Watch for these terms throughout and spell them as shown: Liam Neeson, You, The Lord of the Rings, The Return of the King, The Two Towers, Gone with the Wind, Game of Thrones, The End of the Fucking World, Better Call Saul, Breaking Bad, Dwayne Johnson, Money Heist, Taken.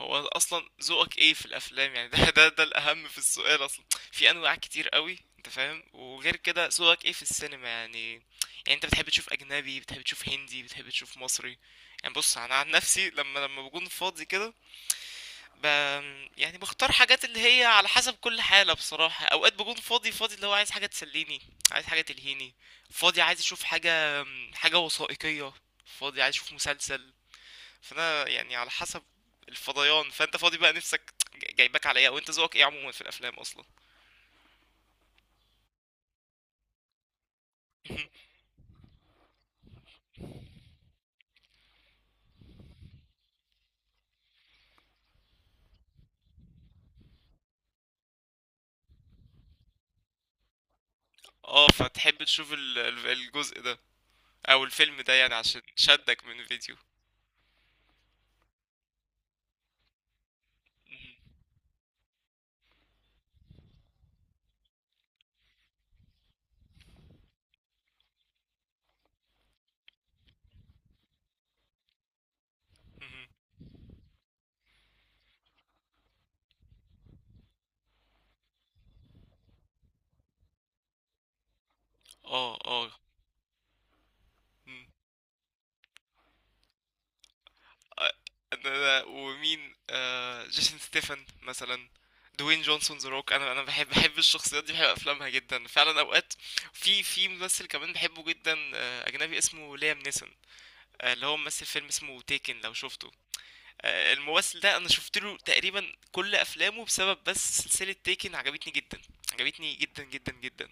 هو اصلا ذوقك ايه في الافلام؟ يعني ده الاهم في السؤال اصلا. في انواع كتير قوي انت فاهم، وغير كده ذوقك ايه في السينما؟ يعني انت بتحب تشوف اجنبي، بتحب تشوف هندي، بتحب تشوف مصري؟ يعني بص، انا عن نفسي لما بكون فاضي كده ب... يعني بختار حاجات اللي هي على حسب كل حالة بصراحة. اوقات بكون فاضي فاضي، اللي هو عايز حاجة تسليني، عايز حاجة تلهيني. فاضي عايز اشوف حاجة، حاجة وثائقية. فاضي عايز اشوف مسلسل. فانا يعني على حسب الفضيان. فانت فاضي بقى، نفسك جايباك على ايه؟ وانت ذوقك ايه عموما في الافلام اصلا؟ اه، فتحب تشوف الجزء ده او الفيلم ده، يعني عشان شدك من الفيديو. مهم. مهم. اه اه. مم. آه، انا ومين، جيسون ستيفن مثلا، دوين جونسون ذا روك. انا بحب الشخصيات دي، بحب افلامها جدا فعلا اوقات. في ممثل كمان بحبه جدا، اجنبي اسمه ليام نيسون. اللي هو ممثل فيلم اسمه تيكن، لو شفته. الممثل ده انا شفت له تقريبا كل افلامه، بسبب بس سلسلة تيكن عجبتني جدا. عجبتني جدا جدا جدا.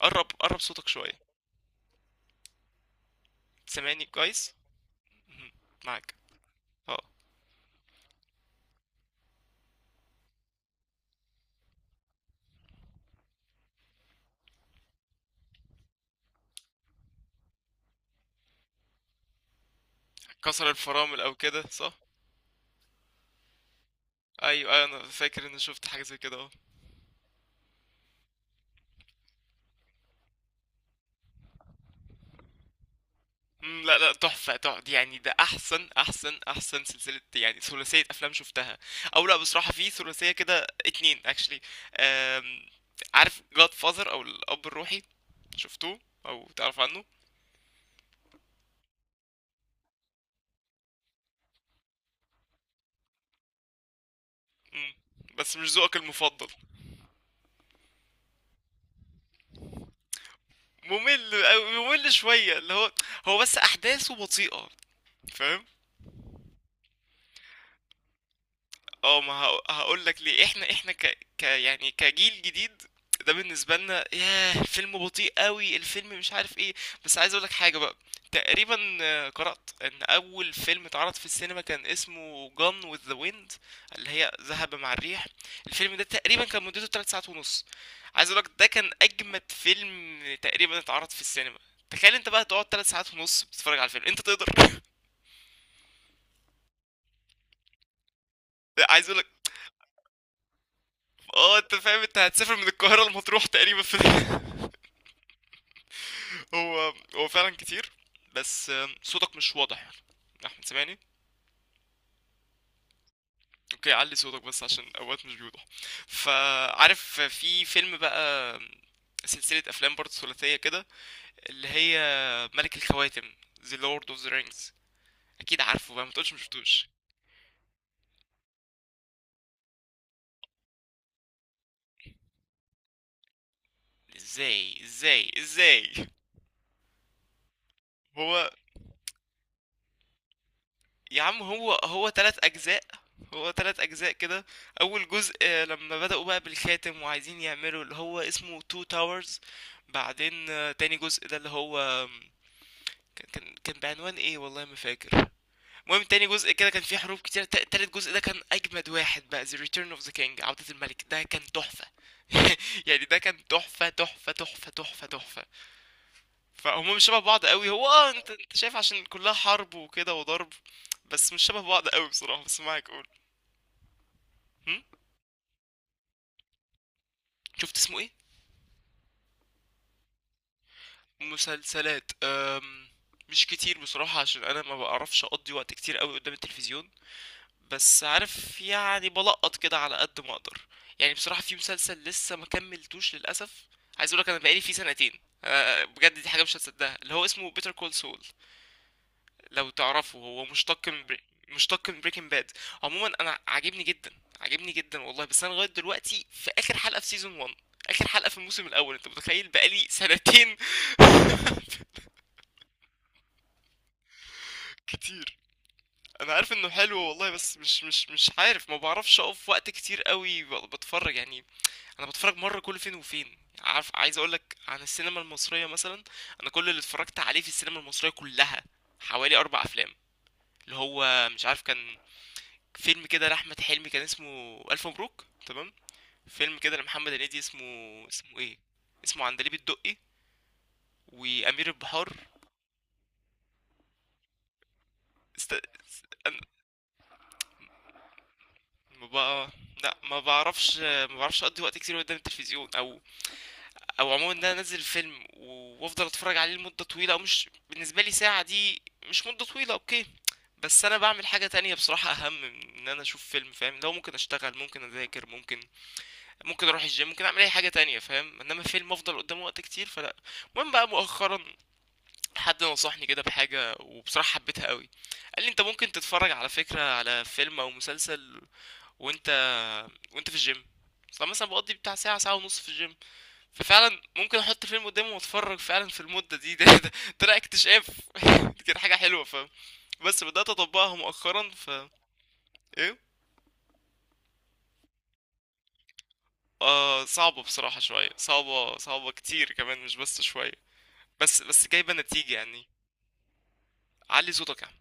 قرب قرب صوتك شوية. سامعني كويس؟ معاك اه. كسر الفرامل او كده، صح؟ ايوه ايوه، انا فاكر اني شفت حاجة زي كده، اه. مم، لا لا، تحفة تحفة، يعني ده احسن احسن احسن سلسلة، يعني ثلاثية افلام شفتها. او لا، بصراحة في ثلاثية كده اتنين اكشلي، عارف، جاد فاذر، او الاب الروحي، شفتوه او تعرف عنه؟ إمم. بس مش ذوقك المفضل. ممل أوي، ممل شوية، اللي هو. هو بس أحداثه بطيئة، فاهم؟ اه، ما هقول لك ليه، احنا ك... ك يعني كجيل جديد، ده بالنسبه لنا ياه، الفيلم بطيء قوي، الفيلم مش عارف ايه. بس عايز اقول لك حاجه بقى. تقريبا قرات ان اول فيلم اتعرض في السينما كان اسمه جون وذ ذا ويند، اللي هي ذهب مع الريح. الفيلم ده تقريبا كان مدته 3 ساعات ونص. عايز اقول لك، ده كان اجمد فيلم تقريبا اتعرض في السينما. تخيل انت بقى تقعد 3 ساعات ونص بتتفرج على الفيلم، انت تقدر؟ عايز اقول لك، اه انت فاهم، انت هتسافر من القاهره لمطروح تقريبا في. هو فعلا كتير. بس صوتك مش واضح يعني، احمد سامعني؟ اوكي، علي صوتك بس، عشان اوقات مش بيوضح. فعارف في فيلم بقى، آم، سلسلة افلام برضه ثلاثية كده، اللي هي ملك الخواتم، The Lord of the Rings. اكيد عارفه بقى، ما تقولش مش شفتوش. ازاي ازاي ازاي؟ هو يا عم، هو تلات اجزاء. هو تلات اجزاء كده. اول جزء، لما بدأوا بقى بالخاتم وعايزين يعملوا اللي هو اسمه تو تاورز. بعدين تاني جزء ده، اللي هو آم، كان بعنوان ايه، والله ما فاكر. المهم تاني جزء كده كان فيه حروب كتير. تالت جزء ده كان اجمد واحد بقى، The Return of the King، عودة الملك، ده كان تحفة. يعني ده كان تحفة تحفة تحفة تحفة تحفة. فهم مش شبه بعض قوي هو، اه، انت شايف عشان كلها حرب وكده وضرب، بس مش شبه بعض قوي بصراحة. بس معاك، قول. هم؟ شفت اسمه ايه؟ مسلسلات مش كتير بصراحة، عشان انا ما بعرفش اقضي وقت كتير قوي قدام التلفزيون، بس عارف يعني بلقط كده على قد ما اقدر. يعني بصراحة في مسلسل لسه ما كملتوش للأسف، عايز اقولك انا بقالي فيه سنتين. أه بجد، دي حاجة مش هتصدقها، اللي هو اسمه بيتر كول سول، لو تعرفه، هو مشتق من مشتق من بريكنج باد. عموما انا عاجبني جدا، عاجبني جدا والله، بس انا لغايه دلوقتي في اخر حلقه في سيزون 1. اخر حلقه في الموسم الاول، انت متخيل، بقالي سنتين. كتير. انا عارف انه حلو والله، بس مش عارف، ما بعرفش اقف وقت كتير قوي بتفرج يعني. انا بتفرج مره كل فين وفين، عارف. عايز اقول لك عن السينما المصريه مثلا، انا كل اللي اتفرجت عليه في السينما المصريه كلها، حوالي اربع افلام، اللي هو مش عارف، كان فيلم كده لأحمد حلمي كان اسمه ألف مبروك، تمام. فيلم كده لمحمد هنيدي، اسمه ايه، اسمه عندليب الدقي، وأمير البحار. است... أنا... ما بقى... لا، ما بعرفش، اقضي وقت كتير قدام التلفزيون، او عموما ان انا انزل فيلم وافضل اتفرج عليه لمده طويله، او مش بالنسبه لي ساعه دي مش مده طويله اوكي. بس انا بعمل حاجه تانية بصراحه، اهم من ان انا اشوف فيلم، فاهم؟ لو ممكن اشتغل، ممكن اذاكر، ممكن اروح الجيم، ممكن اعمل اي حاجه تانية، فاهم، انما فيلم افضل قدامه وقت كتير، فلا. المهم بقى مؤخرا، حد نصحني كده بحاجه وبصراحه حبيتها قوي. قال لي انت ممكن تتفرج على فكره على فيلم او مسلسل وانت وانت في الجيم، اصلا مثلا بقضي بتاع ساعه ساعه ونص في الجيم، ففعلا ممكن احط فيلم قدامي واتفرج فعلا في المده دي. ده طلع اكتشاف. دي كانت حاجه حلوه فاهم، بس بدات اطبقها مؤخرا ايه؟ آه، صعبة بصراحة شوية، صعبة صعبة كتير كمان مش بس شوية، بس جايبة نتيجة يعني. علي صوتك يا عم.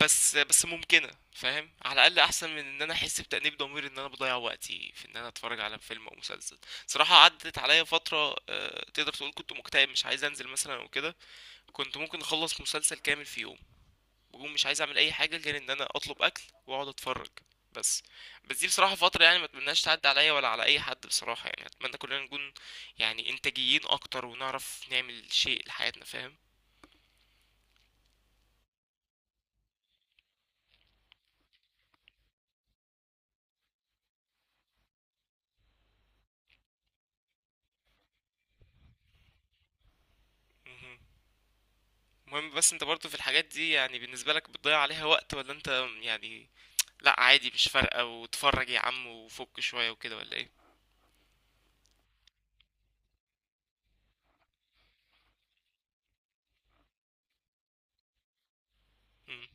بس ممكنة، فاهم، على الأقل أحسن من إن أنا أحس بتأنيب ضمير إن أنا بضيع وقتي في إن أنا أتفرج على فيلم أو مسلسل. صراحة عدت عليا فترة، تقدر تقول كنت مكتئب، مش عايز أنزل مثلا أو كده. كنت ممكن أخلص مسلسل كامل في يوم، بقوم مش عايز أعمل أي حاجة غير إن أنا أطلب أكل وأقعد أتفرج. بس بس دي بصراحة فترة، يعني ما أتمناش تعدي عليا ولا على أي حد بصراحة، يعني أتمنى كلنا نكون يعني إنتاجيين أكتر، ونعرف نعمل شيء لحياتنا، فاهم. مهم. المهم بس انت برضو في الحاجات دي، يعني بالنسبة لك بتضيع عليها وقت، ولا انت يعني لا عادي مش فارقة، وتفرج يا عم وفك شوية وكده، ولا ايه؟ مم.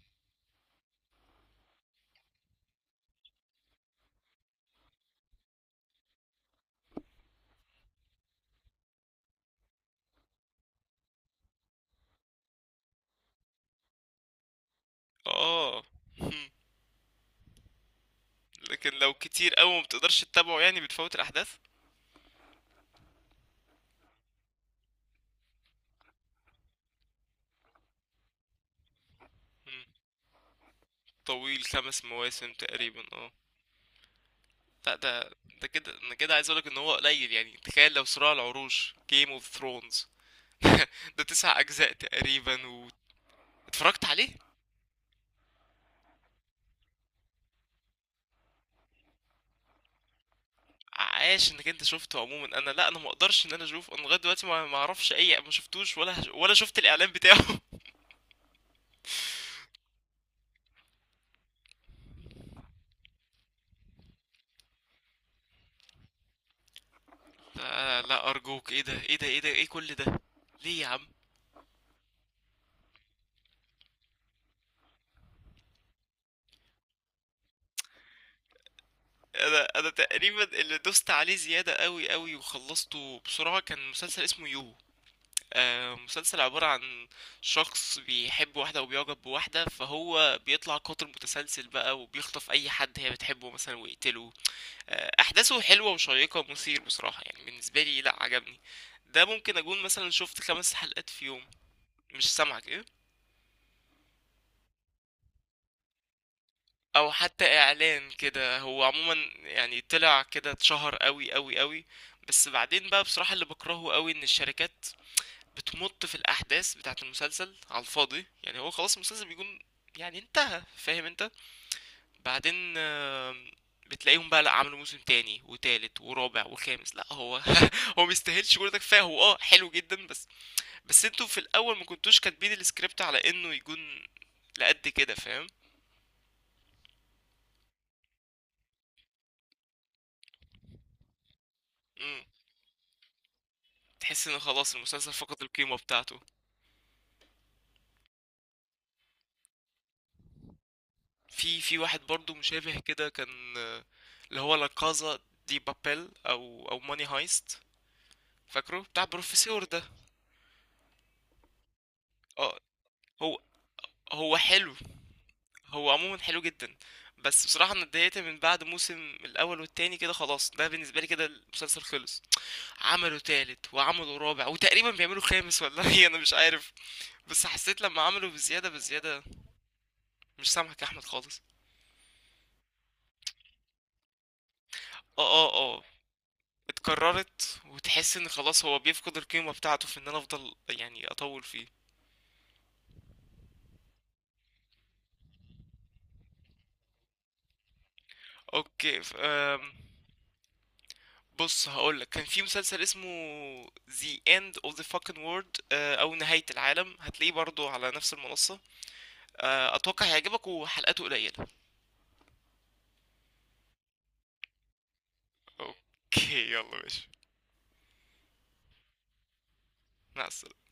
اه مم. لكن لو كتير قوي ما بتقدرش تتابعه، يعني بتفوت الاحداث. مم. طويل، خمس مواسم تقريبا، اه. لا ده كده انا كده عايز اقولك ان هو قليل. يعني تخيل لو صراع العروش، Game of Thrones. ده تسع اجزاء تقريبا، واتفرجت عليه. عاش انك انت شفته. عموما انا لا، انا ما اقدرش ان انا اشوفه، انا لغايه دلوقتي ما اعرفش اي، ما شفتوش، ولا ولا شفت الاعلان بتاعه. لا, لا، ارجوك، ايه ده، ايه ده، ايه ده، ايه كل ده؟ ليه يا عم؟ انا تقريبا اللي دوست عليه زياده قوي قوي، وخلصته بسرعه، كان مسلسل اسمه يو. آه، مسلسل عباره عن شخص بيحب واحده، وبيعجب بواحده، فهو بيطلع قاتل متسلسل بقى، وبيخطف اي حد هي بتحبه مثلا ويقتله. احداثه حلوه وشيقه ومثير بصراحه، يعني بالنسبه لي لا عجبني. ده ممكن اكون مثلا شفت خمس حلقات في يوم. مش سامعك، ايه؟ او حتى اعلان كده، هو عموما يعني طلع كده، اتشهر قوي قوي قوي. بس بعدين بقى بصراحه، اللي بكرهه قوي ان الشركات بتمط في الاحداث بتاعه المسلسل على الفاضي، يعني هو خلاص المسلسل بيكون يعني انتهى، فاهم انت؟ بعدين بتلاقيهم بقى، لا، عملوا موسم تاني وتالت ورابع وخامس. لا، هو هو ميستاهلش كل ده، كفايه، هو اه حلو جدا، بس بس انتوا في الاول ما كنتوش كاتبين السكريبت على انه يكون لقد كده، فاهم. امم تحس ان خلاص المسلسل فقد القيمه بتاعته. في واحد برضو مشابه كده كان، اللي هو لا كازا دي بابيل، او ماني هايست، فاكره بتاع بروفيسور ده؟ اه، هو هو حلو، هو عموما حلو جدا. بس بصراحه انا اتضايقت من بعد موسم الاول والتاني كده، خلاص ده بالنسبه لي كده المسلسل خلص. عملوا تالت وعملوا رابع وتقريبا بيعملوا خامس، ولا ايه، انا مش عارف. بس حسيت لما عملوا بزيادة بزيادة، مش سامحك يا أحمد خالص. اه اه اه، اتكررت وتحس ان خلاص هو بيفقد القيمة بتاعته، في ان انا افضل يعني اطول فيه. اوكي بص هقولك، كان في مسلسل اسمه The End of the Fucking World، او نهاية العالم، هتلاقيه برضو على نفس المنصة. اتوقع هيعجبك، وحلقاته قليلة. اوكي يلا ماشي. مع السلامة.